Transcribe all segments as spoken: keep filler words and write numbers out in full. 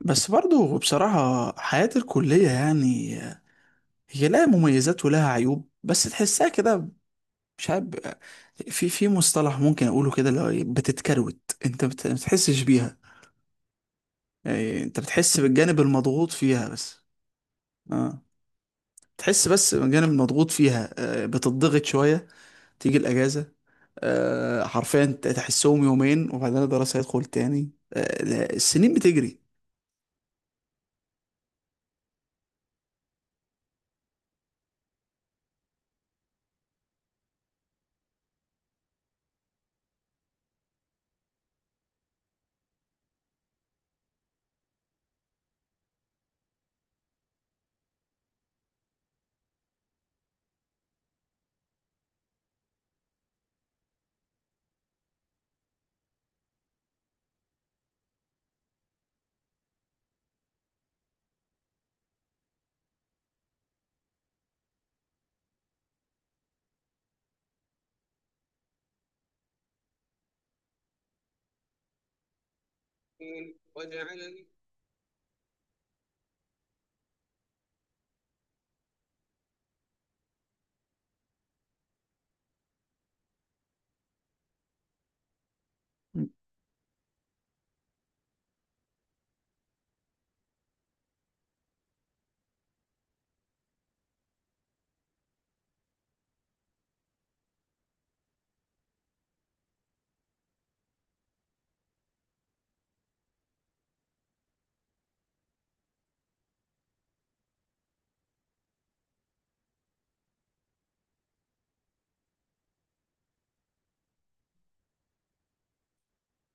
بس برضه بصراحة حياة الكلية يعني هي لها مميزات ولها عيوب بس تحسها كده. مش عارف. في في مصطلح ممكن أقوله كده اللي هو إيه، بتتكروت. أنت بت- ما بتحسش بيها، يعني أنت بتحس بالجانب المضغوط فيها بس. أه. تحس بس بالجانب المضغوط فيها. آه، بتضغط شوية، تيجي الأجازة. آه، حرفيا ت- تحسهم يومين وبعدين الدراسة هيدخل تاني. آه، لا، السنين بتجري.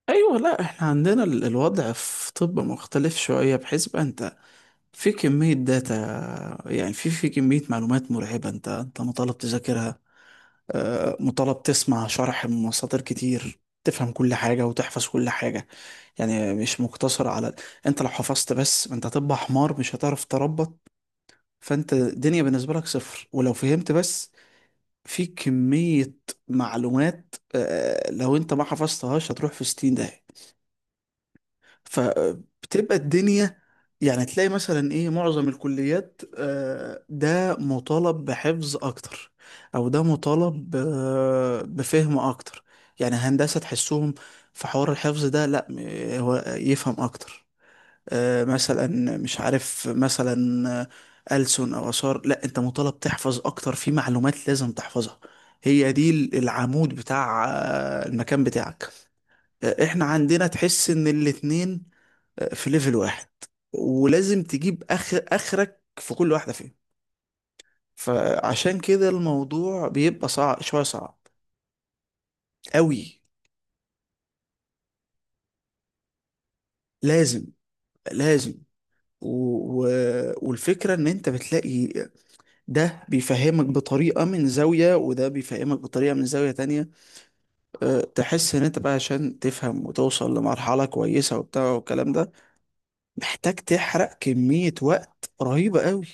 ايوه، لا احنا عندنا ال- الوضع في طب مختلف شويه، بحيث بقى انت في كميه داتا. يعني في في كميه معلومات مرعبه، انت انت مطالب تذاكرها. آه، مطالب تسمع شرح من مصادر كتير، تفهم كل حاجه وتحفظ كل حاجه. يعني مش مقتصر على، انت لو حفظت بس انت هتبقى حمار، مش هتعرف تربط. فانت الدنيا بالنسبه لك صفر. ولو فهمت بس في كميه معلومات آه، لو انت ما حفظتهاش هتروح في ستين داهيه، فبتبقى الدنيا. يعني تلاقي مثلا ايه، معظم الكليات آه، ده مطالب بحفظ اكتر او ده مطالب ب- بفهم اكتر. يعني هندسة تحسهم في حوار الحفظ ده، لا م- هو يفهم اكتر. آه، مثلا مش عارف، مثلا آه، ألسن او آثار، لا انت مطالب تحفظ اكتر. في معلومات لازم تحفظها، هي دي العمود بتاع آه، المكان بتاعك. آه، احنا عندنا تحس ان الاتنين في ليفل واحد، ولازم تجيب اخر اخرك في كل واحده فيهم. فعشان كده الموضوع بيبقى صعب، شويه صعب قوي. لازم. لازم. و... و... والفكره ان انت بتلاقي ده بيفهمك بطريقه من زاويه، وده بيفهمك بطريقه من زاويه تانية. أه، تحس ان انت بقى عشان تفهم وتوصل لمرحله كويسه وبتاع والكلام ده، محتاج تحرق كميه وقت رهيبه قوي.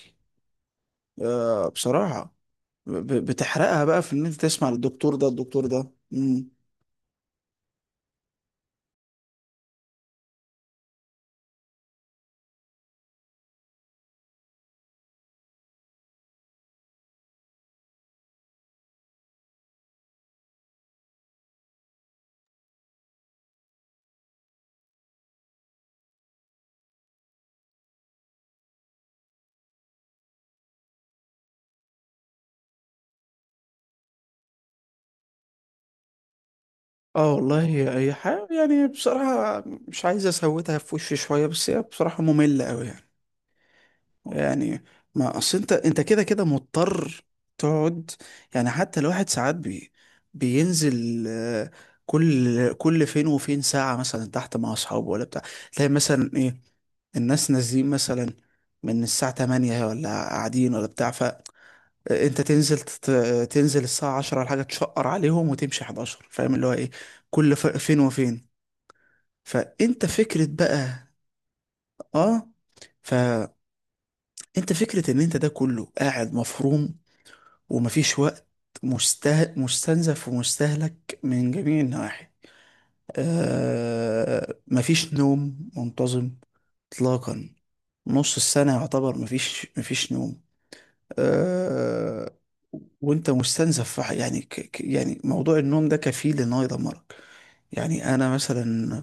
أه، بصراحه. ب- بتحرقها بقى في ان انت تسمع للدكتور ده، الدكتور ده امم اه والله، هي هي حاجة يعني بصراحة، مش عايز اسوتها في وشي شوية، بس هي بصراحة مملة قوي يعني. يعني، ما اصل انت انت كده كده مضطر تقعد. يعني حتى الواحد ساعات بي بينزل آه، كل كل فين وفين ساعة مثلا تحت مع اصحابه ولا بتاع. تلاقي مثلا ايه، الناس نازلين مثلا من الساعة تمانية ولا قاعدين ولا بتاع، انت تنزل تت... تنزل الساعة عشرة ولا حاجة، تشقر عليهم وتمشي حداشر، فاهم اللي هو ايه، كل ف... فين وفين. فانت فكرة بقى. اه، فانت فكرة ان انت ده كله قاعد مفروم، ومفيش وقت، مسته... مستنزف ومستهلك من جميع النواحي. آه... مفيش نوم منتظم اطلاقا، نص السنة يعتبر مفيش مفيش نوم. آه، وانت مستنزف في ح- يعني ك ك- يعني موضوع النوم ده كفيل ان هو يدمرك. يعني انا مثلا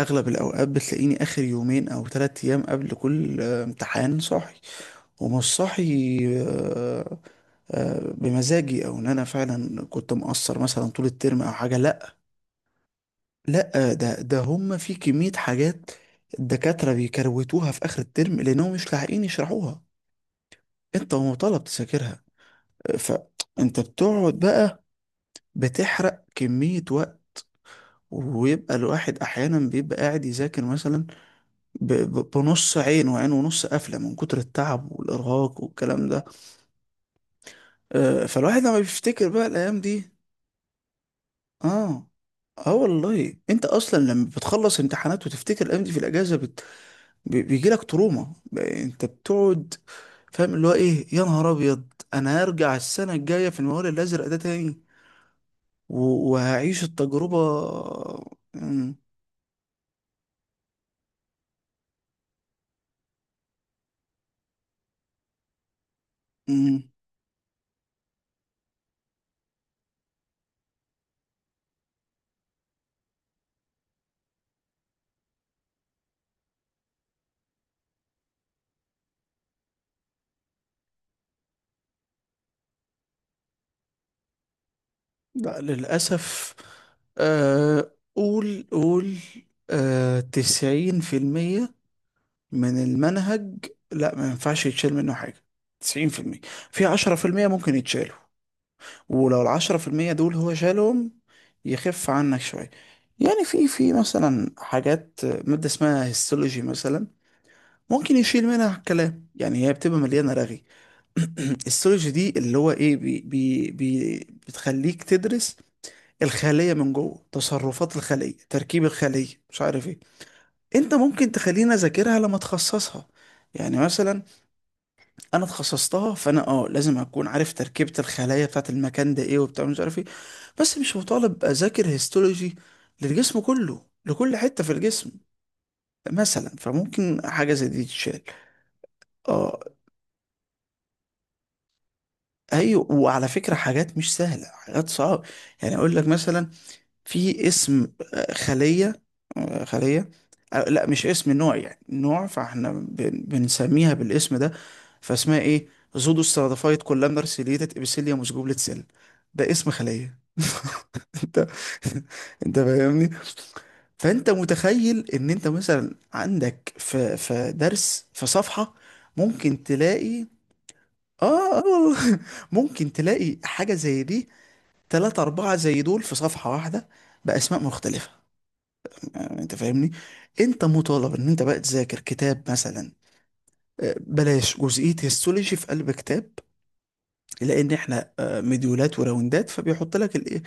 اغلب الاوقات بتلاقيني اخر يومين او ثلاث ايام قبل كل آه، امتحان صاحي، ومش صاحي آه، آه، بمزاجي، او ان انا فعلا كنت مقصر مثلا طول الترم او حاجه، لا. لا ده ده هم في كميه حاجات الدكاتره بيكروتوها في اخر الترم لانهم مش لاحقين يشرحوها، انت مطالب تذاكرها. فانت بتقعد بقى بتحرق كمية وقت، ويبقى الواحد احيانا بيبقى قاعد يذاكر مثلا، ب- ب- بنص عين وعين ونص قافلة من كتر التعب والارهاق والكلام ده. آه، فالواحد لما بيفتكر بقى الايام دي. اه. اه والله، انت اصلا لما بتخلص امتحانات وتفتكر الايام دي في الاجازة بت... بي- بيجيلك تروما، ب- انت بتقعد فاهم اللي هو ايه، يا نهار ابيض انا هرجع السنة الجاية في الموال الازرق ده تاني. و- وهعيش التجربة. مم. مم. لا للأسف. آه، قول قول. آه، تسعين في المية من المنهج، لا ما ينفعش يتشال منه حاجة. تسعين في المية، في عشرة في المية ممكن يتشالوا، ولو العشرة في المية دول هو شالهم يخف عنك شوية. يعني في في مثلا حاجات، مادة اسمها هيستولوجي مثلا، ممكن يشيل منها الكلام، يعني هي بتبقى مليانة رغي. السيولوجي دي اللي هو ايه، بي بي بي بتخليك تدرس الخلية من جوه، تصرفات الخلية، تركيب الخلية، مش عارف ايه. انت ممكن تخليني اذاكرها لما اتخصصها. يعني مثلا انا اتخصصتها، فانا اه لازم اكون عارف تركيبة الخلايا بتاعت المكان ده ايه، وبتاع مش عارف ايه. بس مش مطالب اذاكر هيستولوجي للجسم كله، لكل حتة في الجسم مثلا. فممكن حاجة زي دي تتشال. اه. ايوه، وعلى فكرة، حاجات مش سهلة، حاجات صعبة. يعني اقول لك مثلا، في اسم آه، خلية، آه، خلية، آه، لا مش اسم، نوع يعني، نوع فاحنا بن- بنسميها بالاسم ده. فاسمها ايه؟ زودو ستراتيفايد كولامنر سيليتد ابيثيليوم جوبلت سيل. ده اسم خلية. انت، انت فاهمني. فانت متخيل ان انت مثلا عندك في في درس في صفحة ممكن تلاقي. اه، آه، ممكن تلاقي حاجة زي دي تلاتة أربعة زي دول في صفحة واحدة، بأسماء مختلفة. يعني انت فاهمني. انت مطالب ان انت بقى تذاكر كتاب مثلا. آه، بلاش جزئية هيستولوجي في قلب كتاب، لان احنا آه، مديولات وراوندات، فبيحط لك الايه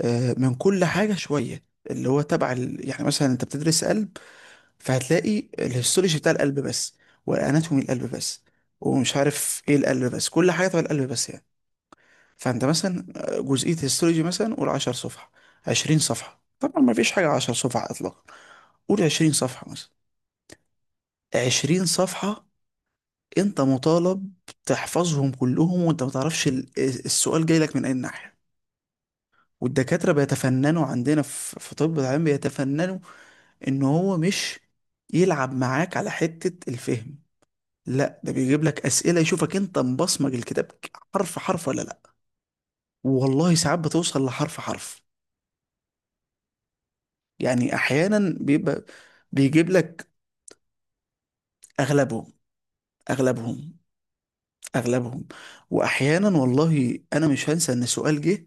آه، من كل حاجة شوية، اللي هو تبع ال... يعني مثلا انت بتدرس قلب، فهتلاقي الهيستولوجي بتاع القلب بس، والاناتومي القلب بس، ومش عارف ايه القلب بس، كل حاجة تبع القلب بس يعني. فانت مثلا آه، جزئية هيستولوجي مثلا، قول عشر صفحة، عشرين صفحة، طبعا ما فيش حاجة عشر صفحة اطلاقا، قول عشرين صفحة مثلا، عشرين صفحة. انت مطالب تحفظهم كلهم، وانت ما تعرفش ال- السؤال جاي لك من اي ناحية. والدكاترة بيتفننوا عندنا في في طب، العلم بيتفننوا ان هو مش يلعب معاك على حتة الفهم، لا ده بيجيب لك اسئلة يشوفك انت مبصمج الكتاب حرف حرف ولا لا. والله ساعات بتوصل لحرف حرف، يعني احيانا بيبقى بيجيب لك. اغلبهم. اغلبهم. اغلبهم. واحيانا والله انا مش هنسى ان سؤال جه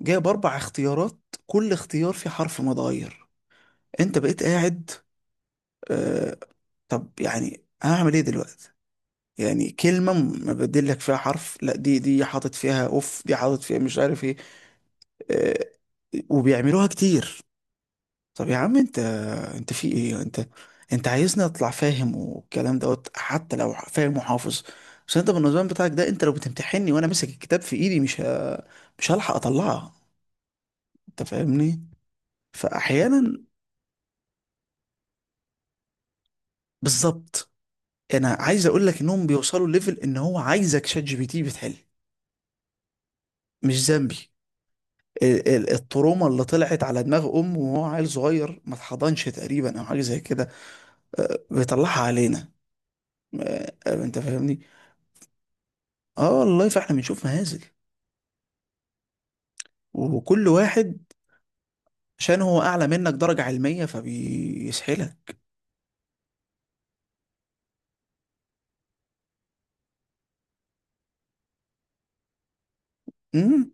جايب اربع اختيارات، كل اختيار فيه حرف متغير، انت بقيت قاعد آه، طب يعني هعمل ايه دلوقتي؟ يعني كلمة م- مبدل لك فيها حرف، لا دي دي حاطط فيها اوف، دي حاطط فيها مش عارف ايه. آه، وبيعملوها كتير. طب يا عم انت، انت في ايه انت، انت عايزني اطلع فاهم والكلام دوت، حتى لو فاهم وحافظ، بس انت بالنظام بتاعك ده، انت لو بتمتحني وانا ماسك الكتاب في ايدي، مش ه... مش هلحق اطلعها. انت فاهمني. فاحيانا، بالظبط. انا عايز اقول لك انهم بيوصلوا ليفل ان هو عايزك شات جي بي تي بتحل، مش ذنبي. ال- ال- التروما اللي طلعت على دماغ امه وهو عيل صغير، ما اتحضنش تقريبا، او حاجه زي كده، آه، بيطلعها علينا. آه، آه، انت فاهمني. اه والله، فاحنا بنشوف مهازل، وكل واحد عشان هو اعلى منك درجه علميه فبيسحلك. امم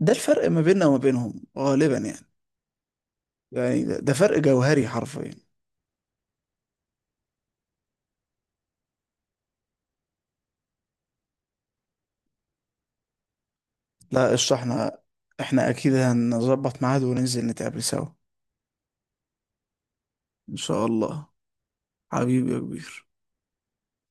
ده الفرق ما بيننا وما بينهم غالبا يعني. يعني ده ده فرق جوهري حرفيا. لا قشطة، احنا احنا اكيد هنظبط ميعاد وننزل نتقابل سوا. ان شاء الله حبيبي يا كبير.